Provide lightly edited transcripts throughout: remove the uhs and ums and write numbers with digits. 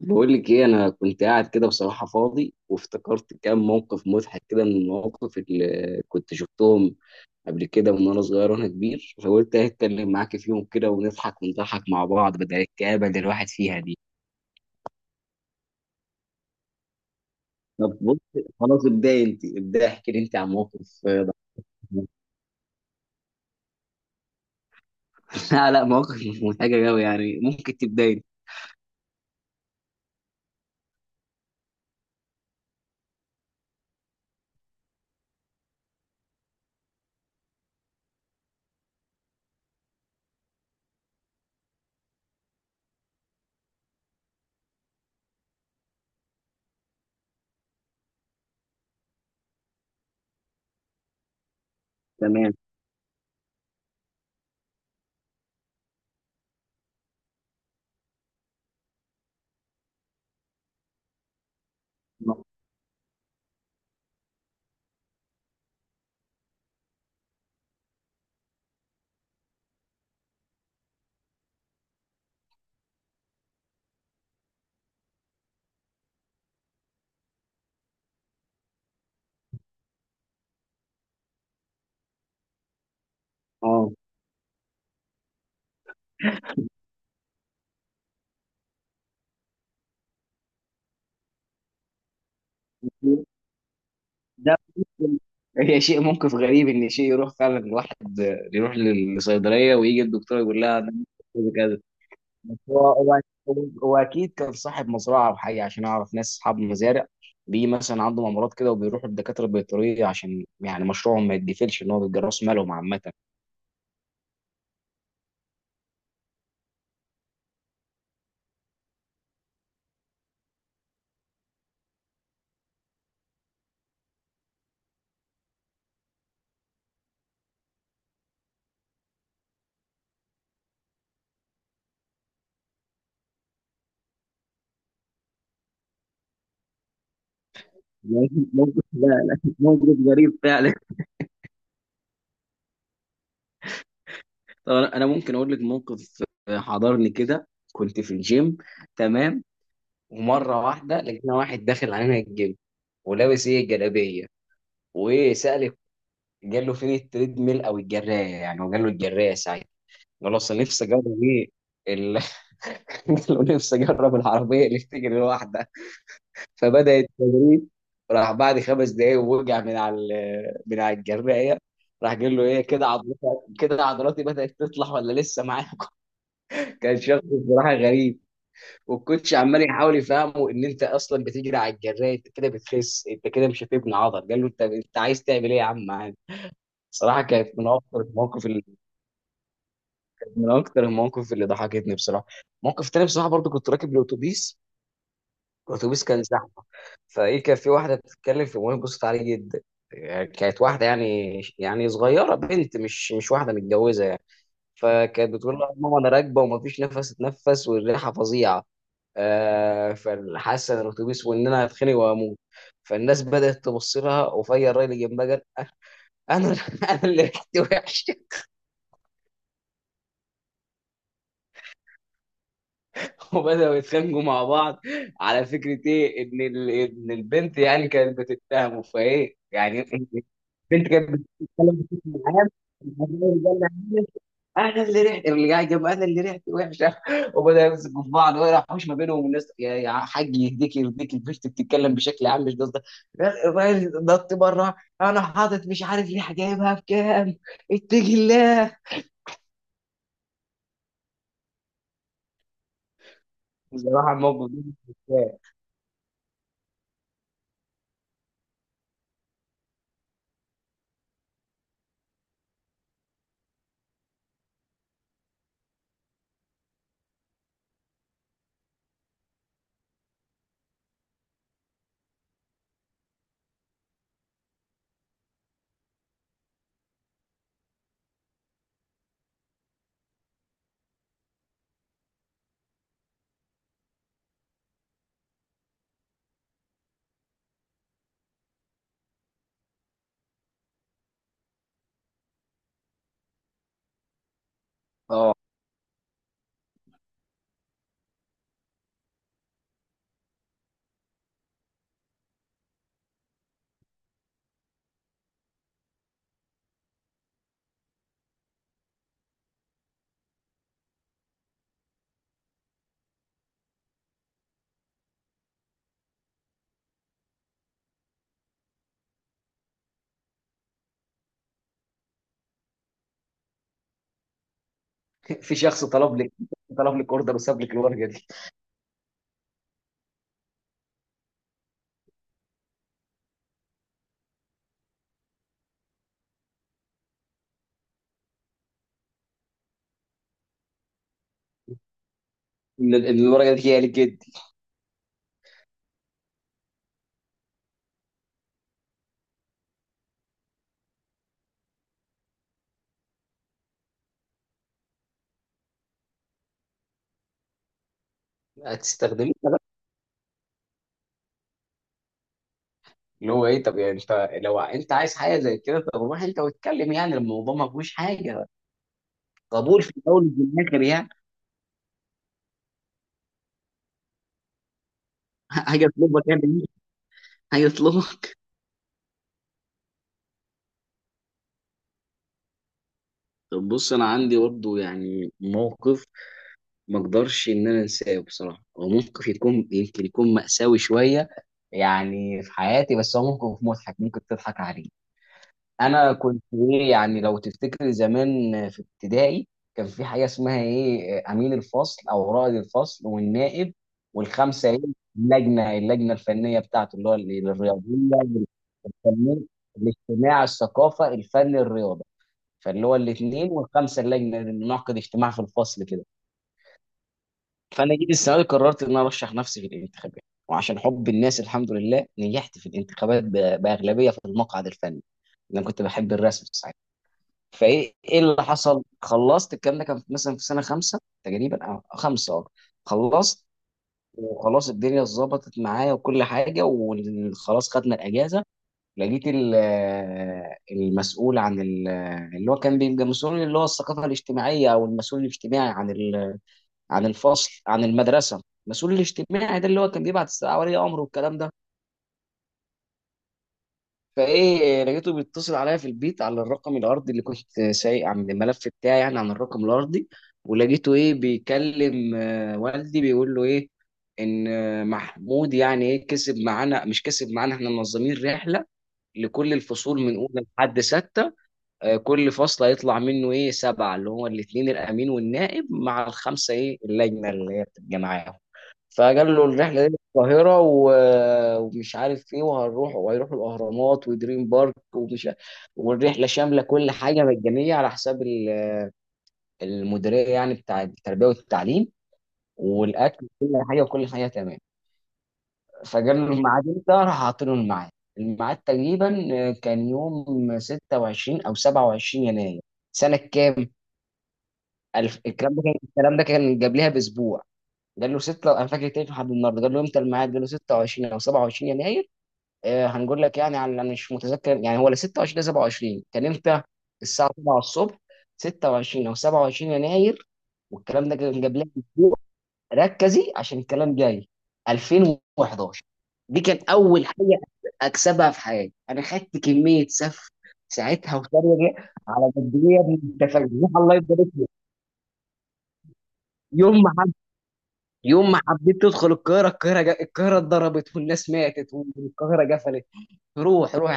بقول لك ايه، انا كنت قاعد كده بصراحه فاضي وافتكرت كام موقف مضحك كده من المواقف اللي كنت شفتهم قبل كده، من وانا صغير وانا كبير. فقلت اتكلم معاك فيهم كده ونضحك ونضحك مع بعض بدل الكآبه اللي الواحد فيها دي. طب بص، خلاص ابداي انت، ابداي احكي لي انت عن موقف. ضحك. لا لا، موقف مش مضحكه قوي يعني، ممكن تبداي انت. تمام. اه، ده ممكن. هي شيء، موقف غريب ان شيء يروح فعلا، واحد يروح للصيدليه ويجي الدكتور يقول لها أنا عندي كذا. بس هو اكيد كان صاحب مزرعه او حاجه، عشان اعرف ناس اصحاب مزارع بيجي مثلا عندهم امراض كده وبيروحوا للدكاتره البيطريه عشان يعني مشروعهم ما يتقفلش، ان هو بيبقى راس مالهم عامه. ممكن، لا لا، موقف غريب فعلا. طب انا ممكن اقول لك موقف حضرني كده. كنت في الجيم، تمام، ومره واحده لقينا واحد داخل علينا الجيم، ولابس ايه الجلابيه. وايه سأل، قال له فين التريد ميل او الجرايه يعني، وقال له الجرايه ساعتها. قال له اصل نفسي اجرب ايه ال... قال له نفسي اجرب العربيه اللي بتجري لوحدها. فبدا التدريب. راح بعد خمس دقايق ووقع من على من على الجرايه. راح قال له ايه، كده عضلاتي كده عضلاتي بدات تطلع ولا لسه معاك؟ كان شخص بصراحه غريب. والكوتش عمال يحاول يفهمه ان انت اصلا بتجري على الجرايه، انت كده بتخس، انت كده مش هتبني عضل. قال له انت عايز تعمل ايه يا عم؟ عادي. صراحه كانت من اكتر المواقف اللي، من اكتر المواقف اللي ضحكتني بصراحه. موقف تاني بصراحه برضو، كنت راكب الاتوبيس، الاتوبيس كان زحمه، فايه كان في واحده بتتكلم في الموبايل، بصت عليه جدا يعني. كانت واحده يعني، صغيره، بنت، مش واحده متجوزه يعني. فكانت بتقول لها ماما انا راكبه ومفيش نفس اتنفس، والريحه فظيعه، فحاسه ان الاتوبيس، وان انا هتخنق واموت. فالناس بدات تبص لها، وفيا الراجل اللي جنبها قال انا، انا اللي ريحتي وحشه؟ وبداوا يتخانقوا مع بعض. على فكره، ايه ان ان البنت يعني كانت بتتهمه فايه يعني. البنت كانت بتتكلم بشكل عام. انا اللي ريحتي؟ اللي قاعد جنب انا اللي ريحتي وحشه؟ وبدا يمسكوا في بعض ولا حوش ما بينهم، والناس يا يا حاج يهديك يهديك، البنت بتتكلم بشكل عام، مش قصدك. الراجل نط بره، انا حاطط مش عارف ليه، جايبها بكام، اتقي الله. بصراحه الموقف ده مش متخيل. اه، في شخص طلب لك اوردر وساب لك الورقه دي. الورقه دي هي لجدي؟ هتستخدميها؟ اللي هو ايه؟ طب يعني انت، لو انت عايز حاجه زي كده، طب روح انت واتكلم، يعني الموضوع ما فيهوش حاجه، قبول في الاول وفي الاخر يعني. هيطلبك يعني هيطلبك طب بص، انا عندي برضه يعني موقف ما اقدرش ان انا انساه بصراحه. هو موقف يكون يمكن يكون مأساوي شويه يعني في حياتي، بس هو موقف مضحك ممكن تضحك عليه. انا كنت ايه يعني؟ لو تفتكر زمان في ابتدائي، كان في حاجه اسمها ايه امين الفصل او رائد الفصل والنائب، والخمسه ايه، اللجنه الفنيه بتاعته اللي هو الرياضيه والفنيه، الاجتماع، الثقافه، الفن الرياضي. فاللي هو الاثنين والخمسه اللجنه ننعقد اجتماع في الفصل كده. فانا جيت السنه دي قررت ان انا ارشح نفسي في الانتخابات، وعشان حب الناس الحمد لله نجحت في الانتخابات باغلبيه في المقعد الفني. انا كنت بحب الرسم ساعتها. فايه ايه اللي حصل؟ خلصت، الكلام ده كان مثلا في سنه خمسه تقريبا او خمسه، اه، خلصت، وخلاص الدنيا اتظبطت معايا وكل حاجه، وخلاص خدنا الاجازه. لقيت المسؤول عن اللي هو كان بيبقى مسؤول، اللي هو الثقافة الاجتماعية أو المسؤول الاجتماعي عن عن الفصل، عن المدرسة. المسؤول الاجتماعي ده اللي هو كان بيبعت الساعة ولي أمره والكلام ده. فإيه، لقيته بيتصل عليا في البيت على الرقم الأرضي اللي كنت سايق عن الملف بتاعي يعني، عن الرقم الأرضي. ولقيته إيه بيكلم والدي، بيقول له إيه إن محمود يعني إيه كسب معانا، مش كسب معانا، إحنا منظمين رحلة لكل الفصول من أولى لحد ستة. كل فصل هيطلع منه ايه سبعه، اللي هو الاثنين الامين والنائب مع الخمسه ايه اللجنه اللي هي بتبقى معاهم. فقال له الرحله دي القاهره ومش عارف ايه، وهنروح وهيروحوا الاهرامات ودريم بارك ومش والرحله شامله كل حاجه، مجانيه على حساب المديريه يعني بتاع التربيه والتعليم، والاكل وكل حاجه، وكل حاجه تمام. فقال له الميعاد امتى؟ راح حاطين له الميعاد. الميعاد تقريبا كان يوم 26 او 27 يناير. سنة كام؟ الكلام ده كان قبلها باسبوع. قال له ستة، انا فاكر تاني لحد النهارده، قال له امتى الميعاد؟ قال له 26 او 27 يناير. آه، هنقول لك يعني، على انا مش متذكر يعني هو لا 26 لا 27 كان امتى. الساعه 7 الصبح، 26 او 27 يناير. والكلام ده كان قبلها باسبوع. ركزي عشان الكلام جاي. 2011. دي كان اول حاجه اكسبها في حياتي. انا خدت كميه سف ساعتها وتريقه، على قد ايه يا ابني انت فاهم، الله يبارك لك. يوم ما يوم ما حبيت تدخل القاهرة، القاهرة القاهرة اتضربت، والناس ماتت، والقاهرة قفلت. روح روح.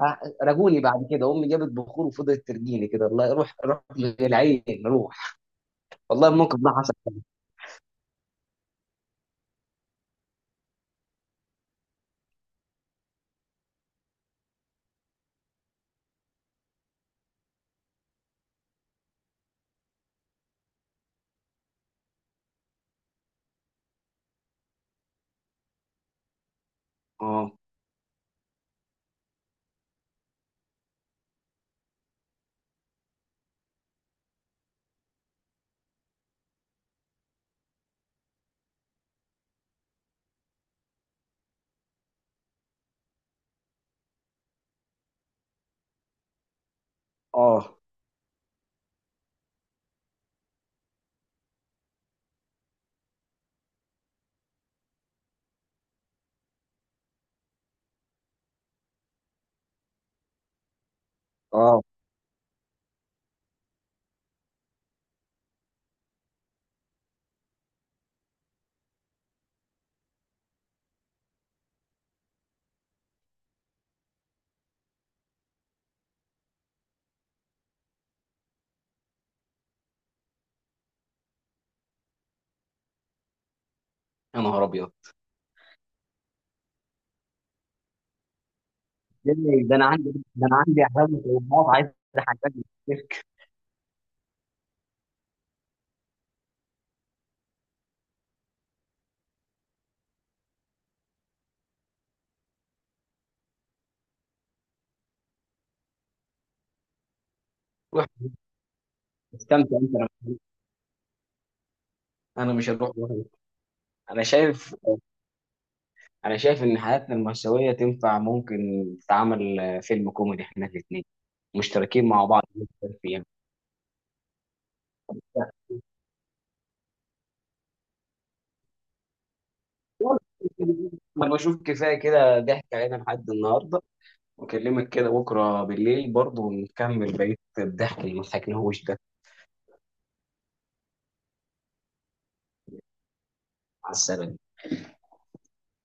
رجوني بعد كده، أمي جابت بخور وفضلت ترجيني كده الله، روح روح من العين روح. والله الموقف ده حصل. اه، اه، اه، يا نهار أبيض. ده ده أنا عندي عزاوي، طموحات، عايز أحقق. روح استمتع أنت، أنا مش هروح، أنا مش هروح. أنا شايف، انا شايف ان حياتنا المأساوية تنفع ممكن تتعمل فيلم كوميدي، احنا الاثنين مشتركين مع بعض جداً فيها. انا بشوف كفاية كده ضحك علينا لحد النهاردة، واكلمك كده بكرة بالليل برضه ونكمل بقية الضحك اللي ما ضحكناهوش ده. على السلامة.